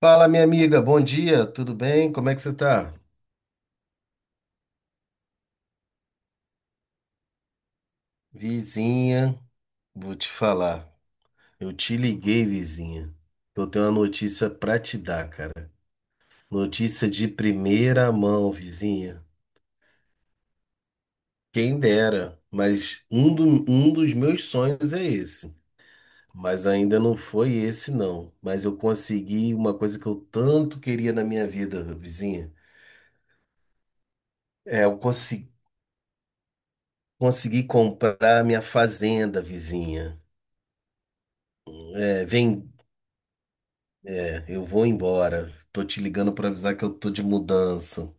Fala, minha amiga, bom dia, tudo bem? Como é que você tá? Vizinha, vou te falar. Eu te liguei, vizinha. Eu tenho uma notícia pra te dar, cara. Notícia de primeira mão, vizinha. Quem dera, mas um dos meus sonhos é esse. Mas ainda não foi esse, não. Mas eu consegui uma coisa que eu tanto queria na minha vida, vizinha. É, eu consegui comprar minha fazenda, vizinha. Eu vou embora. Tô te ligando pra avisar que eu tô de mudança.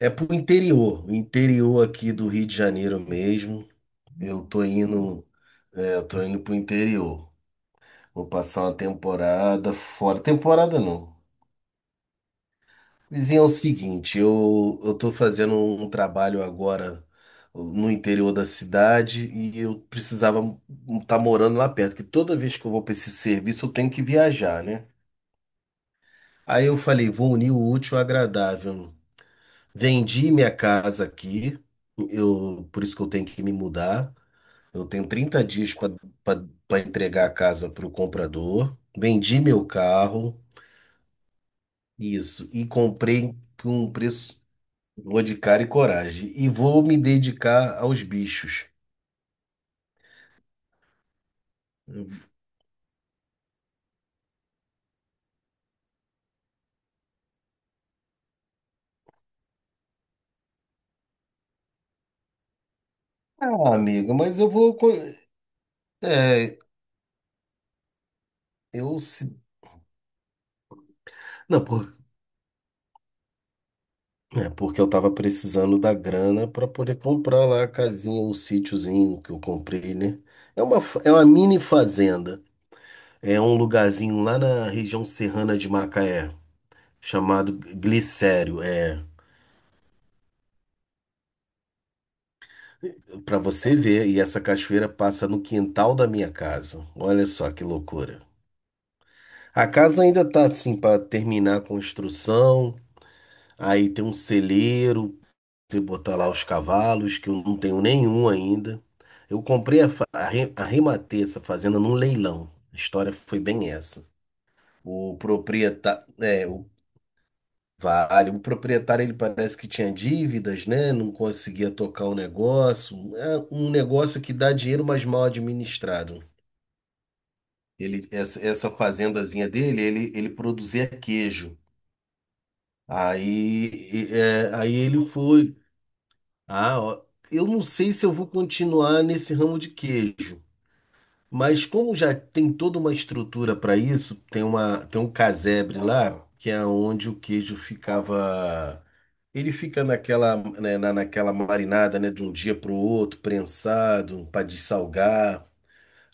É pro interior, o interior aqui do Rio de Janeiro mesmo. Eu tô indo, eu tô indo pro interior. Vou passar uma temporada fora. Temporada não. Vizinho, é o seguinte, eu tô fazendo um trabalho agora no interior da cidade e eu precisava estar morando lá perto, que toda vez que eu vou para esse serviço eu tenho que viajar, né? Aí eu falei, vou unir o útil ao agradável. Vendi minha casa aqui, por isso que eu tenho que me mudar. Eu tenho 30 dias para entregar a casa para o comprador. Vendi meu carro, isso, e comprei por um preço, vou de cara e coragem. E vou me dedicar aos bichos. Ah, amigo, mas eu vou. É, eu. Se- Não, é porque eu tava precisando da grana para poder comprar lá a casinha, o sítiozinho que eu comprei, né? É uma mini fazenda. É um lugarzinho lá na região serrana de Macaé, chamado Glicério. É, para você ver, e essa cachoeira passa no quintal da minha casa. Olha só que loucura. A casa ainda tá assim para terminar a construção. Aí tem um celeiro e botar lá os cavalos, que eu não tenho nenhum ainda. Eu comprei a, fa- a, re- a rematei essa fazenda num leilão. A história foi bem essa. O proprietário, é, o vale, o proprietário ele parece que tinha dívidas, né? Não conseguia tocar o negócio. É um negócio que dá dinheiro, mas mal administrado. Essa fazendazinha dele, ele produzia queijo. Aí ele foi. Ah, ó, eu não sei se eu vou continuar nesse ramo de queijo, mas como já tem toda uma estrutura para isso, tem um casebre lá, que é onde o queijo ficava. Ele fica naquela, né, naquela marinada, né, de um dia para o outro, prensado, para dessalgar.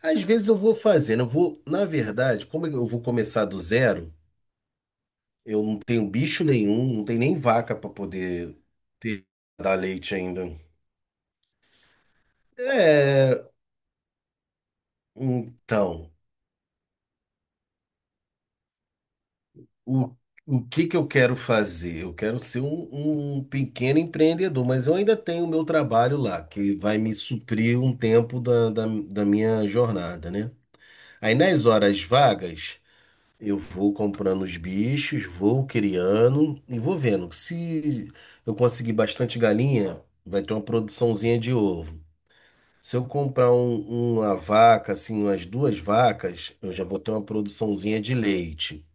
Às vezes eu vou fazendo, eu vou, na verdade, como eu vou começar do zero, eu não tenho bicho nenhum, não tenho nem vaca para poder ter- dar leite ainda. É, então, o, o que que eu quero fazer? Eu quero ser um pequeno empreendedor, mas eu ainda tenho o meu trabalho lá, que vai me suprir um tempo da minha jornada, né? Aí nas horas vagas, eu vou comprando os bichos, vou criando e vou vendo. Se eu conseguir bastante galinha, vai ter uma produçãozinha de ovo. Se eu comprar uma vaca, assim, umas duas vacas, eu já vou ter uma produçãozinha de leite.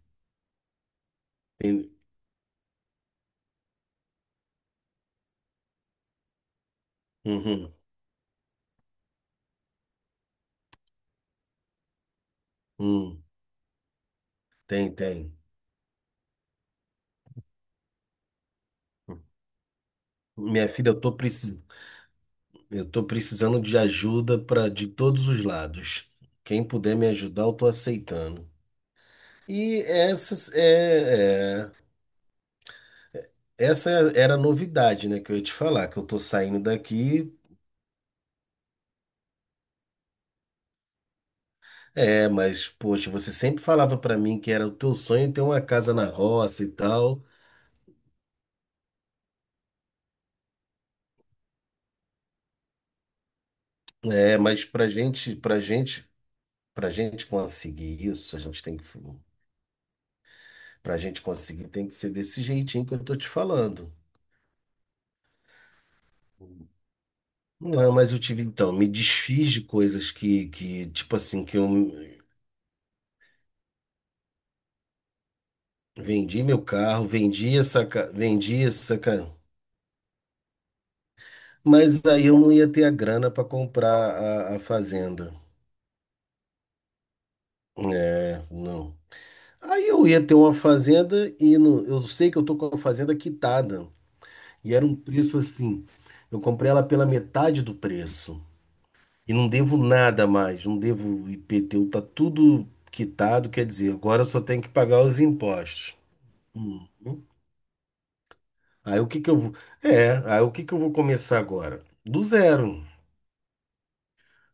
Uhum. Hum, Tem, tem. Minha filha, eu tô precisando de ajuda para de todos os lados. Quem puder me ajudar, eu tô aceitando. E essas é, é- essa era a novidade, né, que eu ia te falar, que eu tô saindo daqui. É, mas poxa, você sempre falava para mim que era o teu sonho ter uma casa na roça e tal. É, mas pra gente conseguir isso, a gente tem que, pra gente conseguir tem que ser desse jeitinho que eu tô te falando. Não, mas eu tive, então, me desfiz de coisas que, tipo assim, que eu vendi meu carro, mas aí eu não ia ter a grana para comprar a fazenda. É, não. Aí eu ia ter uma fazenda e no eu sei que eu tô com a fazenda quitada. E era um preço assim. Eu comprei ela pela metade do preço. E não devo nada mais. Não devo IPTU, tá tudo quitado. Quer dizer, agora eu só tenho que pagar os impostos. Hum. Aí o que que eu vou. Aí o que que eu vou começar agora? Do zero.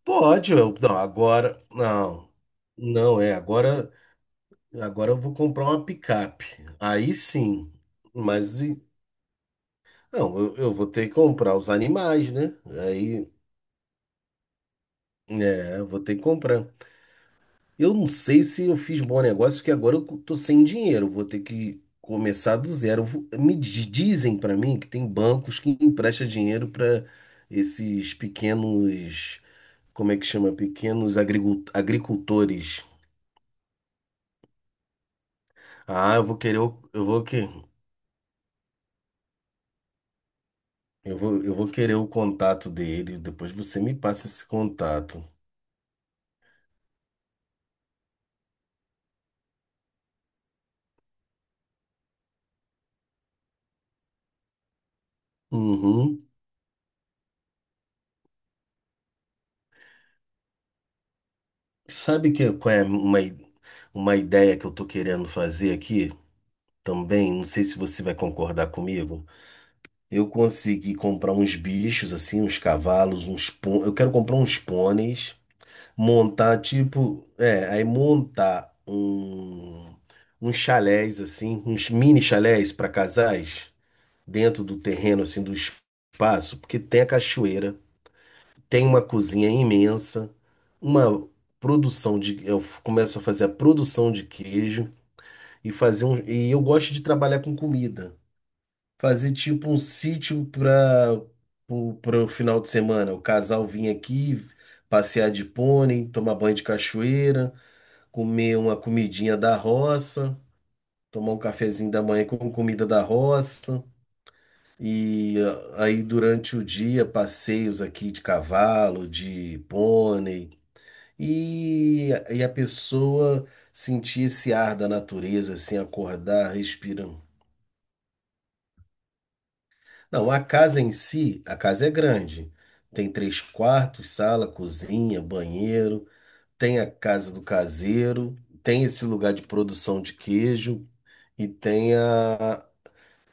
Pode, não, agora. Não, não é. Agora eu vou comprar uma picape. Aí sim. Mas. e- Não, eu vou ter que comprar os animais, né? Aí. É, eu vou ter que comprar. Eu não sei se eu fiz bom negócio, porque agora eu tô sem dinheiro. Vou ter que começar do zero. Eu vou- Me di- Dizem pra mim que tem bancos que emprestam dinheiro pra esses pequenos. Como é que chama? Pequenos agricultores. Ah, eu vou querer o contato dele. Depois você me passa esse contato. Uhum. Sabe que qual é uma ideia que eu tô querendo fazer aqui também? Não sei se você vai concordar comigo. Eu consegui comprar uns bichos assim, uns cavalos, Eu quero comprar uns pôneis. Montar, tipo, é, aí montar uns mini chalés para casais, dentro do terreno, assim, do espaço, porque tem a cachoeira, tem uma cozinha imensa, uma produção de. Começo a fazer a produção de queijo e fazer um. E eu gosto de trabalhar com comida. Fazer tipo um sítio para o final de semana. O casal vir aqui, passear de pônei, tomar banho de cachoeira, comer uma comidinha da roça, tomar um cafezinho da manhã com comida da roça. E aí durante o dia, passeios aqui de cavalo, de pônei. E a pessoa sentir esse ar da natureza, assim, acordar, respirando. Não, a casa em si, a casa é grande. Tem três quartos, sala, cozinha, banheiro. Tem a casa do caseiro. Tem esse lugar de produção de queijo. E tem a,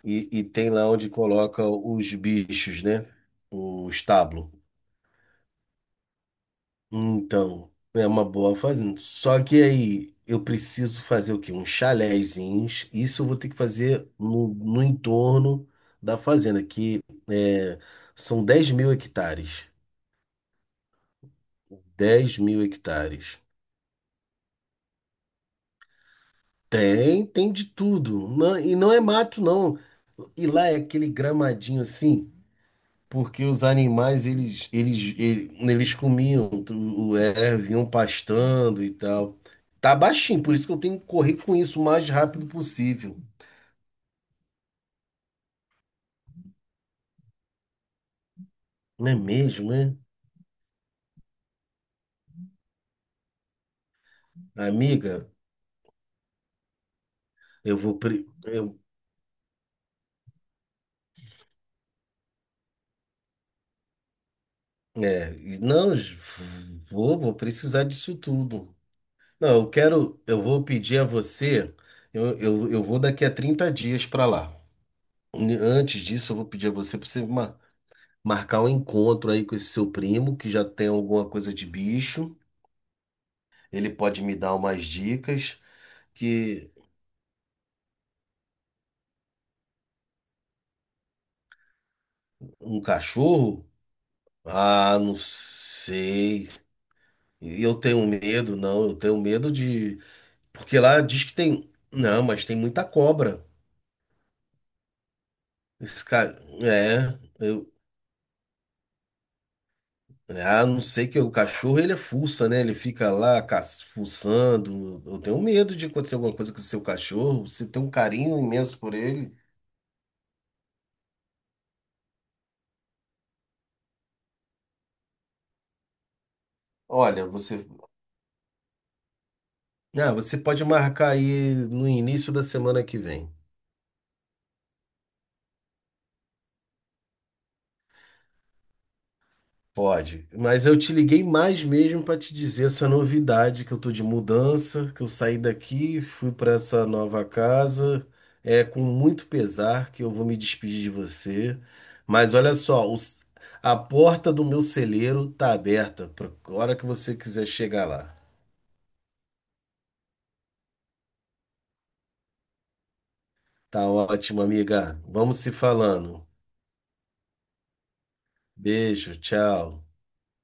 e tem lá onde coloca os bichos, né? O estábulo. Então, é uma boa fazenda. Só que aí eu preciso fazer o quê? Uns chalézinhos. Isso eu vou ter que fazer no entorno da fazenda, é, são 10 mil hectares. 10 mil hectares. Tem, tem de tudo. E não é mato, não. E lá é aquele gramadinho assim. Porque os animais, eles comiam, vinham pastando e tal. Tá baixinho, por isso que eu tenho que correr com isso o mais rápido possível. Não é mesmo, né? Amiga, eu vou... é, não, vou precisar disso tudo. Não, eu quero... Eu vou pedir a você... Eu vou daqui a 30 dias para lá. Antes disso, eu vou pedir a você para você... marcar um encontro aí com esse seu primo que já tem alguma coisa de bicho. Ele pode me dar umas dicas que um cachorro, não sei. E eu tenho medo, não, eu tenho medo de porque lá diz que tem, não, mas tem muita cobra. Esse cara, é, eu Ah, não sei que o cachorro ele é fuça, né? Ele fica lá fuçando. Eu tenho medo de acontecer alguma coisa com o seu cachorro. Você tem um carinho imenso por ele. Olha, você Você pode marcar aí no início da semana que vem. Pode. Mas eu te liguei mais mesmo para te dizer essa novidade que eu tô de mudança, que eu saí daqui, fui para essa nova casa. É com muito pesar que eu vou me despedir de você. Mas olha só, a porta do meu celeiro tá aberta para a hora que você quiser chegar lá. Tá ótimo, amiga. Vamos se falando. Beijo, tchau.